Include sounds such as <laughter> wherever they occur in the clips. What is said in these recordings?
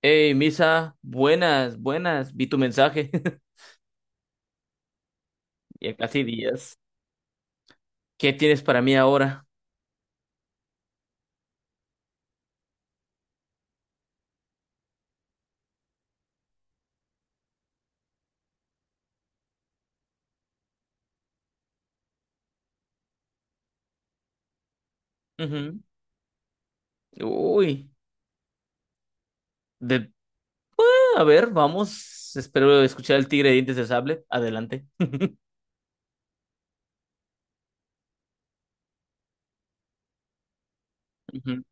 Hey, Misa, buenas, buenas, vi tu mensaje. <laughs> Ya casi días. ¿Qué tienes para mí ahora? Ujú. Uy, de... A ver, vamos. Espero escuchar el tigre de dientes de sable. Adelante. <laughs> Ujú.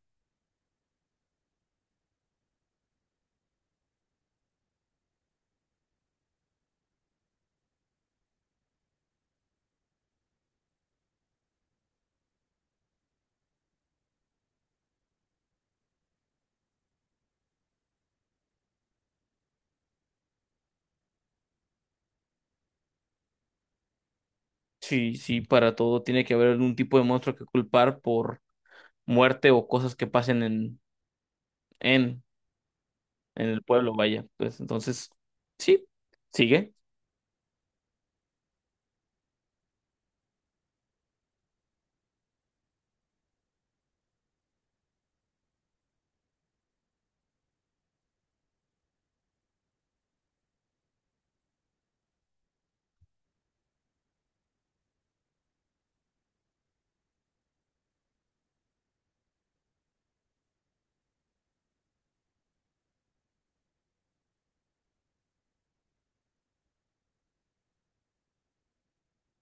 Sí, sí, para todo tiene que haber un tipo de monstruo que culpar por muerte o cosas que pasen en, en el pueblo, vaya. Pues entonces, sí, sigue.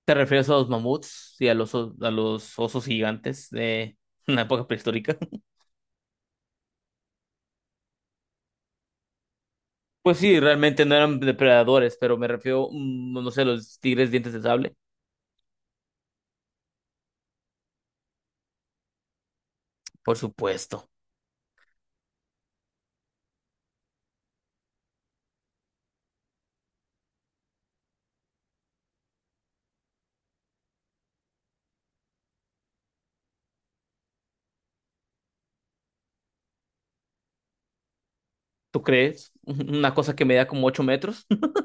¿Te refieres a los mamuts y a los, o- a los osos gigantes de una época prehistórica? Pues sí, realmente no eran depredadores, pero me refiero, no sé, los tigres dientes de sable. Por supuesto. ¿Tú crees? <laughs> Una cosa que medía como 8 metros. <laughs>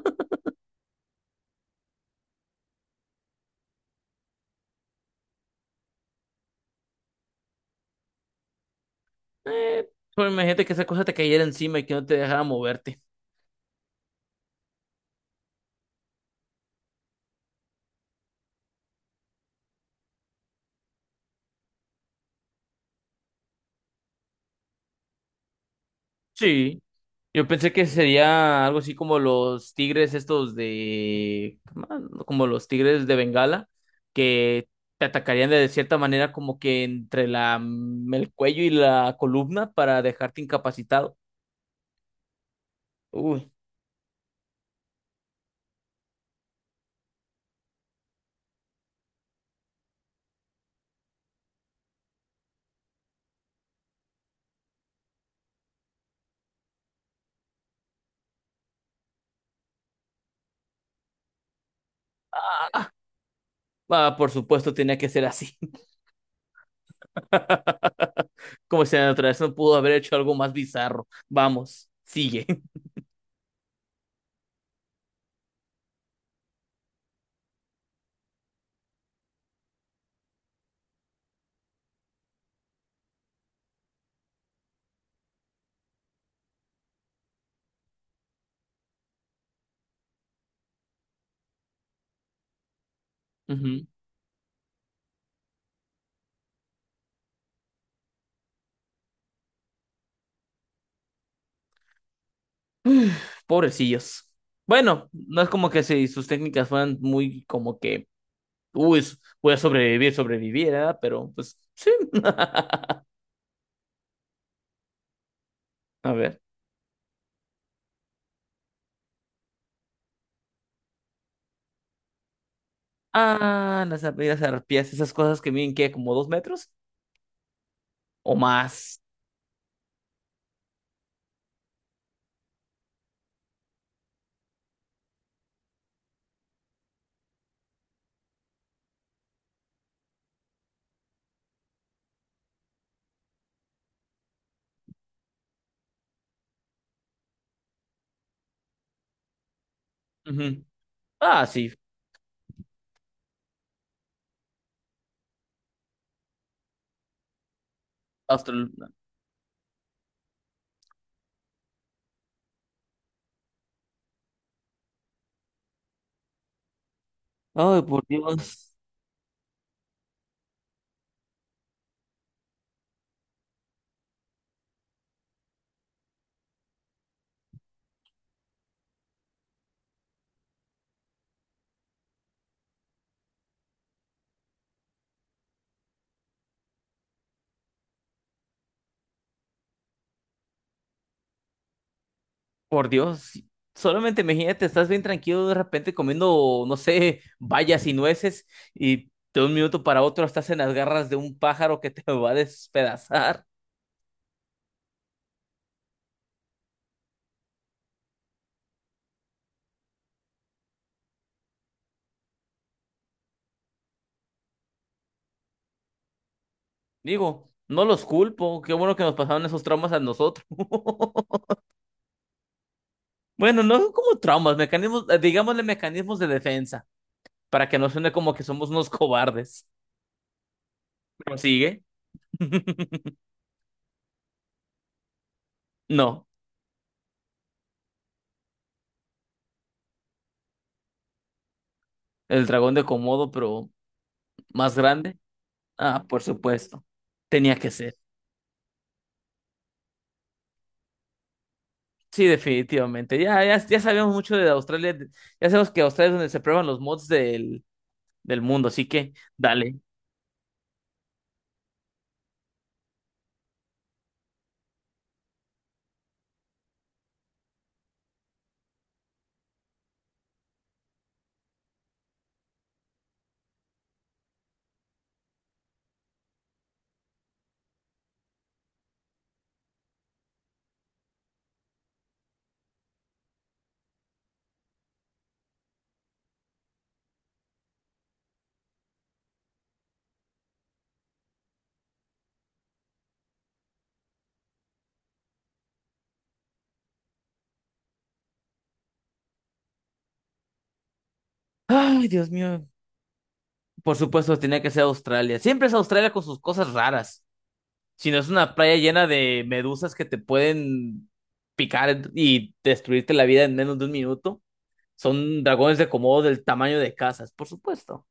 Eh, pero imagínate que esa cosa te cayera encima y que no te dejara moverte. Sí. Yo pensé que sería algo así como los tigres estos de... como los tigres de Bengala, que te atacarían de cierta manera como que entre la, el cuello y la columna para dejarte incapacitado. Uy, ah, por supuesto tenía que ser así. <laughs> <laughs> Como si la naturaleza no pudo haber hecho algo más bizarro. Vamos, sigue. <laughs> Ujú. Pobrecillos. Bueno, no es como que si sus técnicas fueran muy como que, uy, s- voy a sobrevivir, sobreviviera, pero pues sí. <laughs> A ver. Ah, las ar- las arpías, esas cosas que miden que como 2 metros o más. Ujú. Ah, sí. Austral- Ay, por Dios. Por Dios, solamente imagínate, estás bien tranquilo de repente comiendo, no sé, bayas y nueces y de un minuto para otro estás en las garras de un pájaro que te <laughs> va a despedazar. Digo, no los culpo, qué bueno que nos pasaron esos traumas a nosotros. <laughs> Bueno, no son como traumas, mecanismos, digámosle mecanismos de defensa, para que no suene como que somos unos cobardes. ¿Pero sigue? <laughs> No, el dragón de Komodo, pero más grande. Ah, por supuesto, tenía que ser. Sí, definitivamente. Ya sabemos mucho de Australia. Ya sabemos que Australia es donde se prueban los mods del mundo, así que dale. Ay, Dios mío. Por supuesto, tenía que ser Australia. Siempre es Australia con sus cosas raras. Si no es una playa llena de medusas que te pueden picar y destruirte la vida en menos de un minuto. Son dragones de Komodo del tamaño de casas, por supuesto.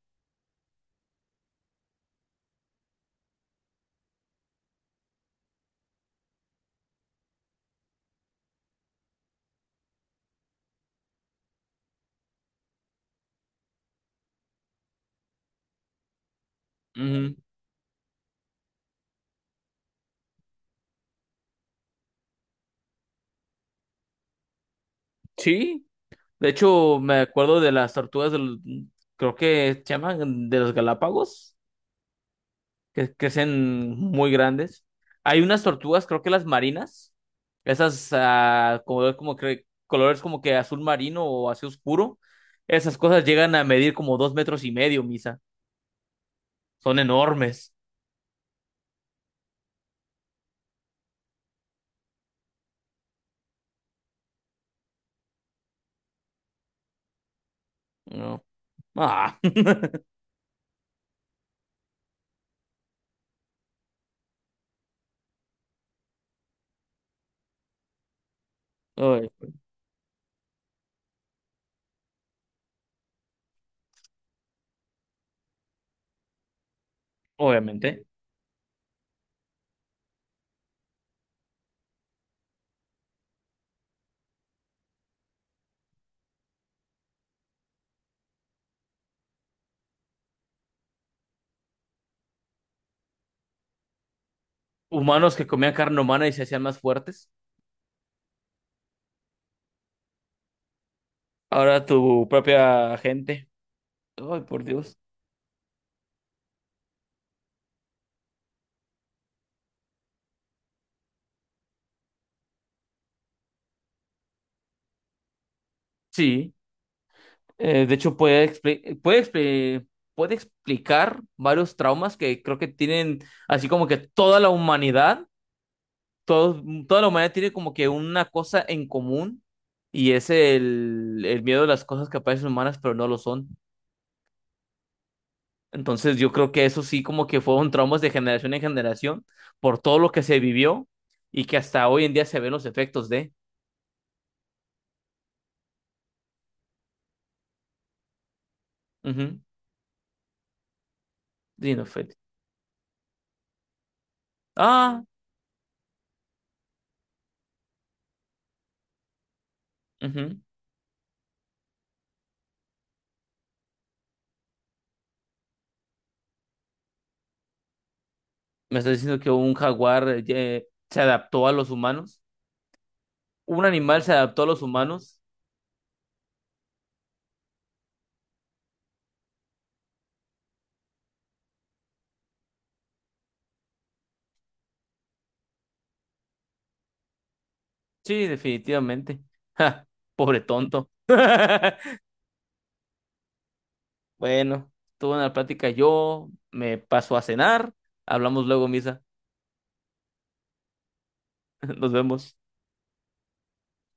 Ujú. Sí. De hecho, me acuerdo de las tortugas creo que se llaman de los Galápagos, que crecen muy grandes. Hay unas tortugas, creo que las marinas, esas como, colores como que azul marino o así oscuro, esas cosas llegan a medir como 2,5 metros, Misa. Son enormes. No. Ah. <laughs> Ob- Obviamente. Humanos que comían carne humana y se hacían más fuertes. Ahora tu propia gente. Ay, por Dios. Sí. De hecho, puede explicar varios traumas que creo que tienen, así como que toda la humanidad, toda la humanidad tiene como que una cosa en común y es el miedo a las cosas que parecen humanas, pero no lo son. Entonces, yo creo que eso sí como que fueron traumas de generación en generación por todo lo que se vivió y que hasta hoy en día se ven los efectos de... Ujú. Dino Fett. Ah, ujú. Me estás diciendo que un jaguar se adaptó a los humanos. Un animal se adaptó a los humanos. Sí, definitivamente. <laughs> Ja, pobre tonto. <laughs> Bueno, tuve una plática yo, me paso a cenar, hablamos luego, Misa. <laughs> Nos vemos.